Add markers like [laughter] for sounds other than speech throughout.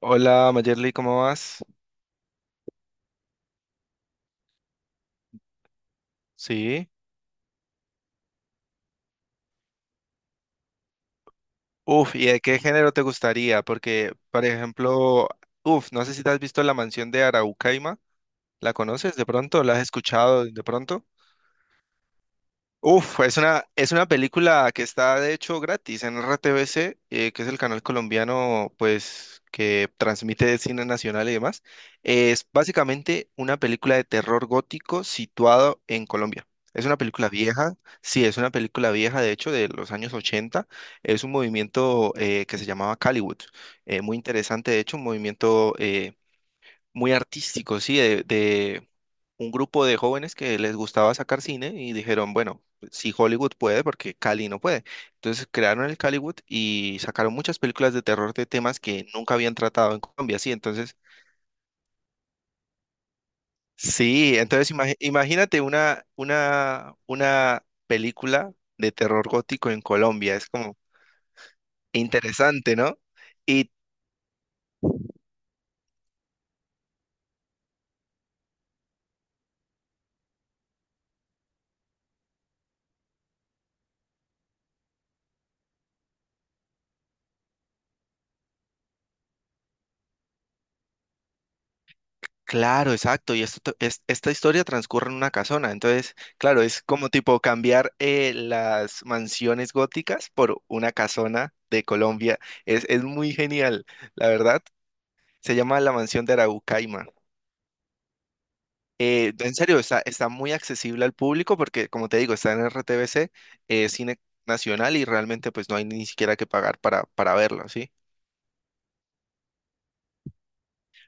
Hola, Mayerly, ¿cómo vas? Sí. Uf, ¿y de qué género te gustaría? Porque, por ejemplo, uf, no sé si te has visto La Mansión de Araucaima. ¿La conoces de pronto? ¿La has escuchado de pronto? Uf, es una película que está de hecho gratis en RTVC, que es el canal colombiano, pues, que transmite cine nacional y demás. Es básicamente una película de terror gótico situado en Colombia. Es una película vieja, sí, es una película vieja, de hecho, de los años 80. Es un movimiento que se llamaba Caliwood. Muy interesante, de hecho, un movimiento muy artístico, sí, de un grupo de jóvenes que les gustaba sacar cine y dijeron, bueno, si Hollywood puede, porque Cali no puede. Entonces crearon el Caliwood y sacaron muchas películas de terror de temas que nunca habían tratado en Colombia, sí, entonces imagínate una película de terror gótico en Colombia, es como interesante, ¿no? Y Claro, exacto. Y esto, esta historia transcurre en una casona. Entonces, claro, es como tipo cambiar las mansiones góticas por una casona de Colombia. Es muy genial, la verdad. Se llama la Mansión de Araucaima. En serio, está muy accesible al público porque, como te digo, está en RTBC, Cine Nacional y realmente pues no hay ni siquiera que pagar para verlo, ¿sí?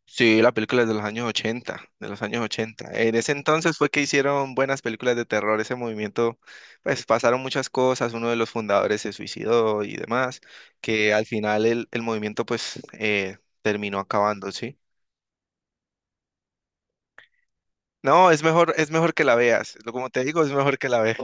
Sí, la película es de los años 80, de los años 80. En ese entonces fue que hicieron buenas películas de terror, ese movimiento, pues pasaron muchas cosas, uno de los fundadores se suicidó y demás, que al final el movimiento pues terminó acabando, ¿sí? No, es mejor que la veas, como te digo, es mejor que la veas.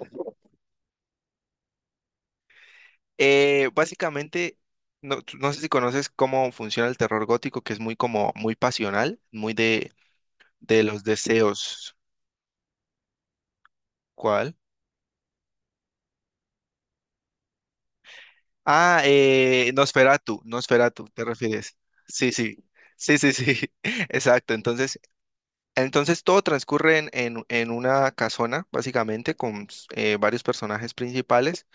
Básicamente, no, no sé si conoces cómo funciona el terror gótico, que es muy como, muy pasional, muy de los deseos. ¿Cuál? Ah, Nosferatu, Nosferatu, ¿te refieres? Sí, sí, sí, sí, sí, [laughs] exacto. Entonces todo transcurre en, en una casona, básicamente, con varios personajes principales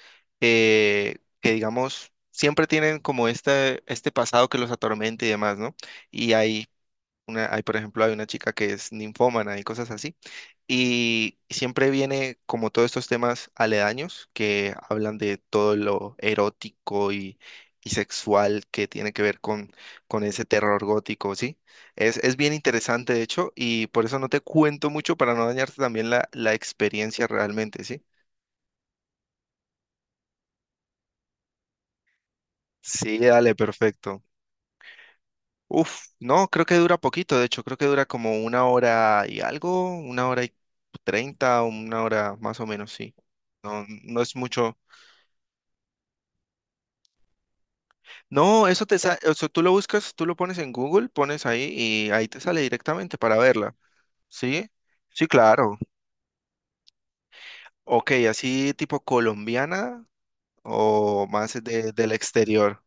que, digamos, siempre tienen como este pasado que los atormenta y demás, ¿no? Y hay hay, por ejemplo, hay una chica que es ninfómana y cosas así. Y siempre viene como todos estos temas aledaños que hablan de todo lo erótico y sexual que tiene que ver con ese terror gótico, ¿sí? Es bien interesante, de hecho, y por eso no te cuento mucho para no dañarte también la experiencia realmente, ¿sí? Sí, dale, perfecto. Uf, no, creo que dura poquito, de hecho, creo que dura como una hora y algo, una hora y treinta, una hora más o menos, sí. No, no es mucho. No, eso te sale, o sea, tú lo buscas, tú lo pones en Google, pones ahí y ahí te sale directamente para verla. ¿Sí? Sí, claro. Ok, así tipo colombiana o más del exterior.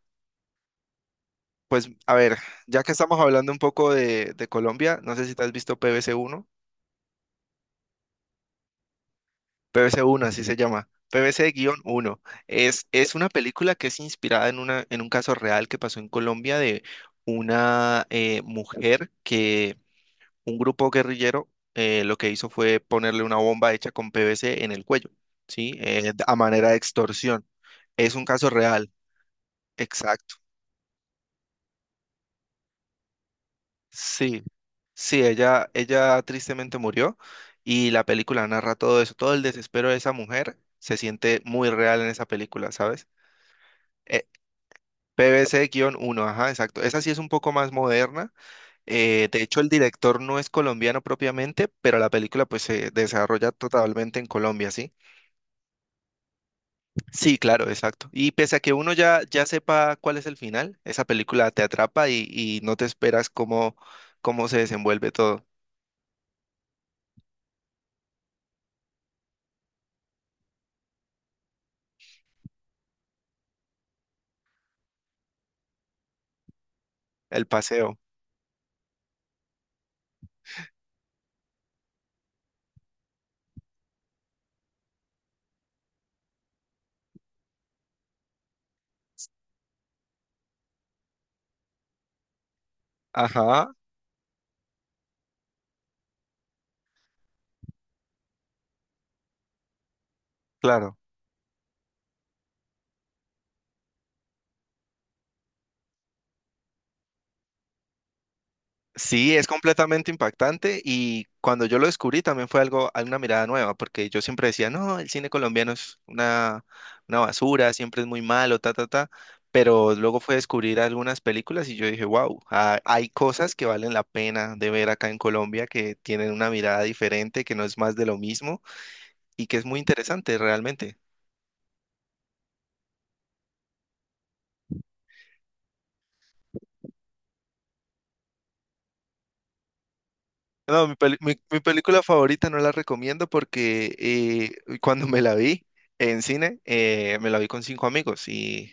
Pues a ver, ya que estamos hablando un poco de Colombia, no sé si te has visto PBC1. PBC uno así se llama. PBC1. Es una película que es inspirada en un caso real que pasó en Colombia de una mujer que un grupo guerrillero lo que hizo fue ponerle una bomba hecha con PVC en el cuello, ¿sí? A manera de extorsión. Es un caso real, exacto. Sí, sí, ella tristemente murió y la película narra todo eso, todo el desespero de esa mujer se siente muy real en esa película, ¿sabes? PVC uno, ajá, exacto. Esa sí es un poco más moderna. De hecho, el director no es colombiano propiamente, pero la película pues se desarrolla totalmente en Colombia, ¿sí? Sí, claro, exacto. Y pese a que uno ya sepa cuál es el final, esa película te atrapa y no te esperas cómo se desenvuelve todo el paseo. Ajá, claro. Sí, es completamente impactante y cuando yo lo descubrí también fue algo, una mirada nueva, porque yo siempre decía, no, el cine colombiano es una basura, siempre es muy malo, ta, ta, ta, pero luego fue descubrir algunas películas y yo dije, wow, hay cosas que valen la pena de ver acá en Colombia, que tienen una mirada diferente, que no es más de lo mismo y que es muy interesante realmente. No, mi película favorita no la recomiendo porque cuando me la vi en cine, me la vi con cinco amigos y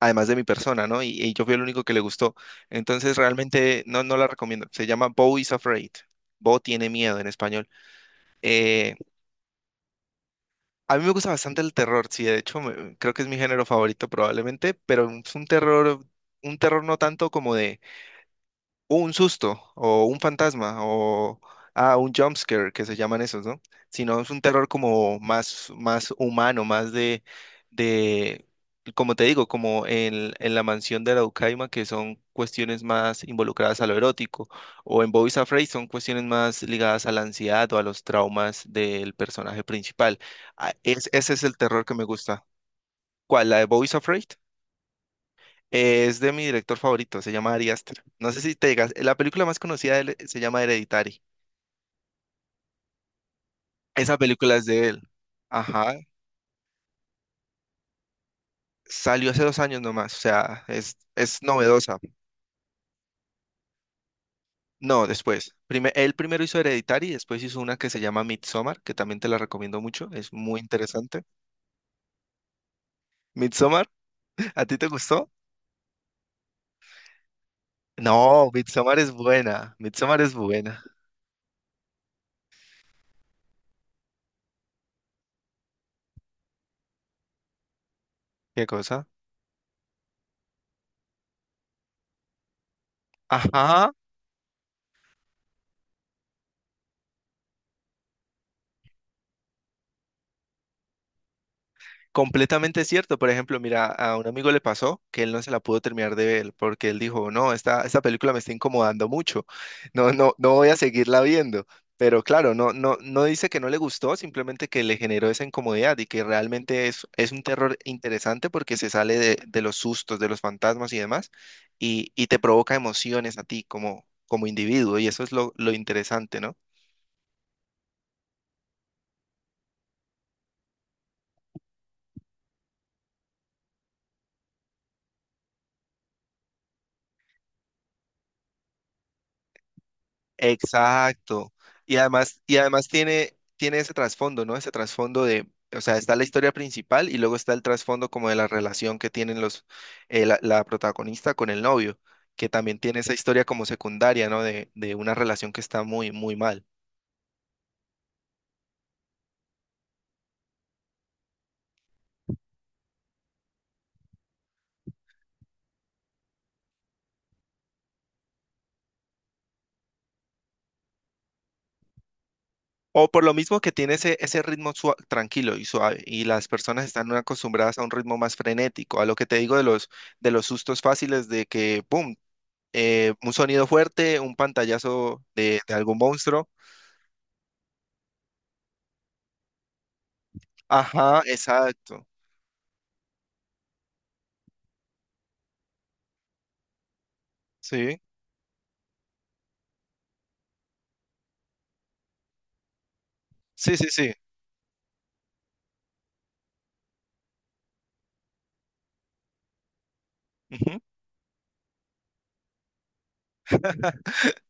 además de mi persona, ¿no? Y y yo fui el único que le gustó. Entonces realmente no, no la recomiendo. Se llama Bo is Afraid. Bo tiene miedo en español. Eh, a mí me gusta bastante el terror, sí, de hecho creo que es mi género favorito probablemente, pero es un terror no tanto como de un susto o un fantasma o ah, un jumpscare que se llaman esos, ¿no? Sino es un terror como más, más humano, más de, como te digo, como en la mansión de Araucaima, que son cuestiones más involucradas a lo erótico, o en Boys Afraid son cuestiones más ligadas a la ansiedad o a los traumas del personaje principal. Ah, es, ese es el terror que me gusta. ¿Cuál? ¿La de Boys Afraid? Es de mi director favorito, se llama Ari Aster. No sé si te digas, la película más conocida de él se llama Hereditary. Esa película es de él. Ajá, salió hace 2 años nomás, o sea, es novedosa. No, después. Él primero hizo Hereditary, después hizo una que se llama Midsommar, que también te la recomiendo mucho, es muy interesante. Midsommar, ¿a ti te gustó? No, Midsommar es buena, Midsommar es buena. ¿Qué cosa? Ajá, completamente cierto. Por ejemplo, mira, a un amigo le pasó que él no se la pudo terminar de ver porque él dijo, no, esta película me está incomodando mucho. No, no, no voy a seguirla viendo. Pero claro, no, no, no dice que no le gustó, simplemente que le generó esa incomodidad y que realmente es un terror interesante porque se sale de los sustos, de los fantasmas y demás, y te provoca emociones a ti como individuo, y eso es lo interesante, ¿no? Exacto. Y además tiene, ese trasfondo, ¿no? Ese trasfondo o sea, está la historia principal y luego está el trasfondo como de la relación que tienen la protagonista con el novio, que también tiene esa historia como secundaria, ¿no? De una relación que está muy, muy mal. O por lo mismo que tiene ese, ese ritmo tranquilo y suave, y las personas están acostumbradas a un ritmo más frenético, a lo que te digo de los sustos fáciles de que, ¡pum! Un sonido fuerte, un pantallazo de algún monstruo. Ajá, exacto. Sí, sí, sí, sí. Ujú.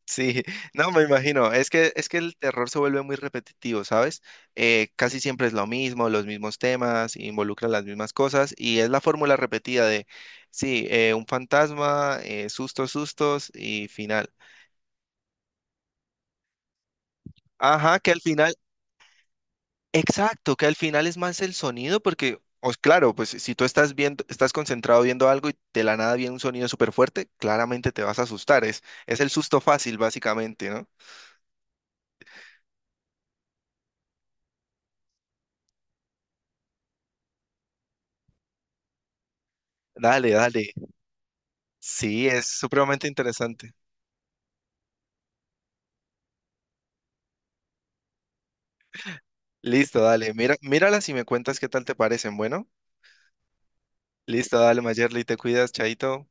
Sí, [laughs] no, me imagino. Es que el terror se vuelve muy repetitivo, ¿sabes? Casi siempre es lo mismo, los mismos temas, involucran las mismas cosas y es la fórmula repetida de, sí, un fantasma, sustos, sustos y final. Ajá, que al final exacto, que al final es más el sonido, porque, os claro, pues si tú estás viendo, estás concentrado viendo algo y de la nada viene un sonido súper fuerte, claramente te vas a asustar. Es el susto fácil, básicamente, ¿no? Dale, dale. Sí, es supremamente interesante. Listo, dale. Mira, míralas y me cuentas qué tal te parecen. Bueno, listo, dale, Mayerly, te cuidas, chaito.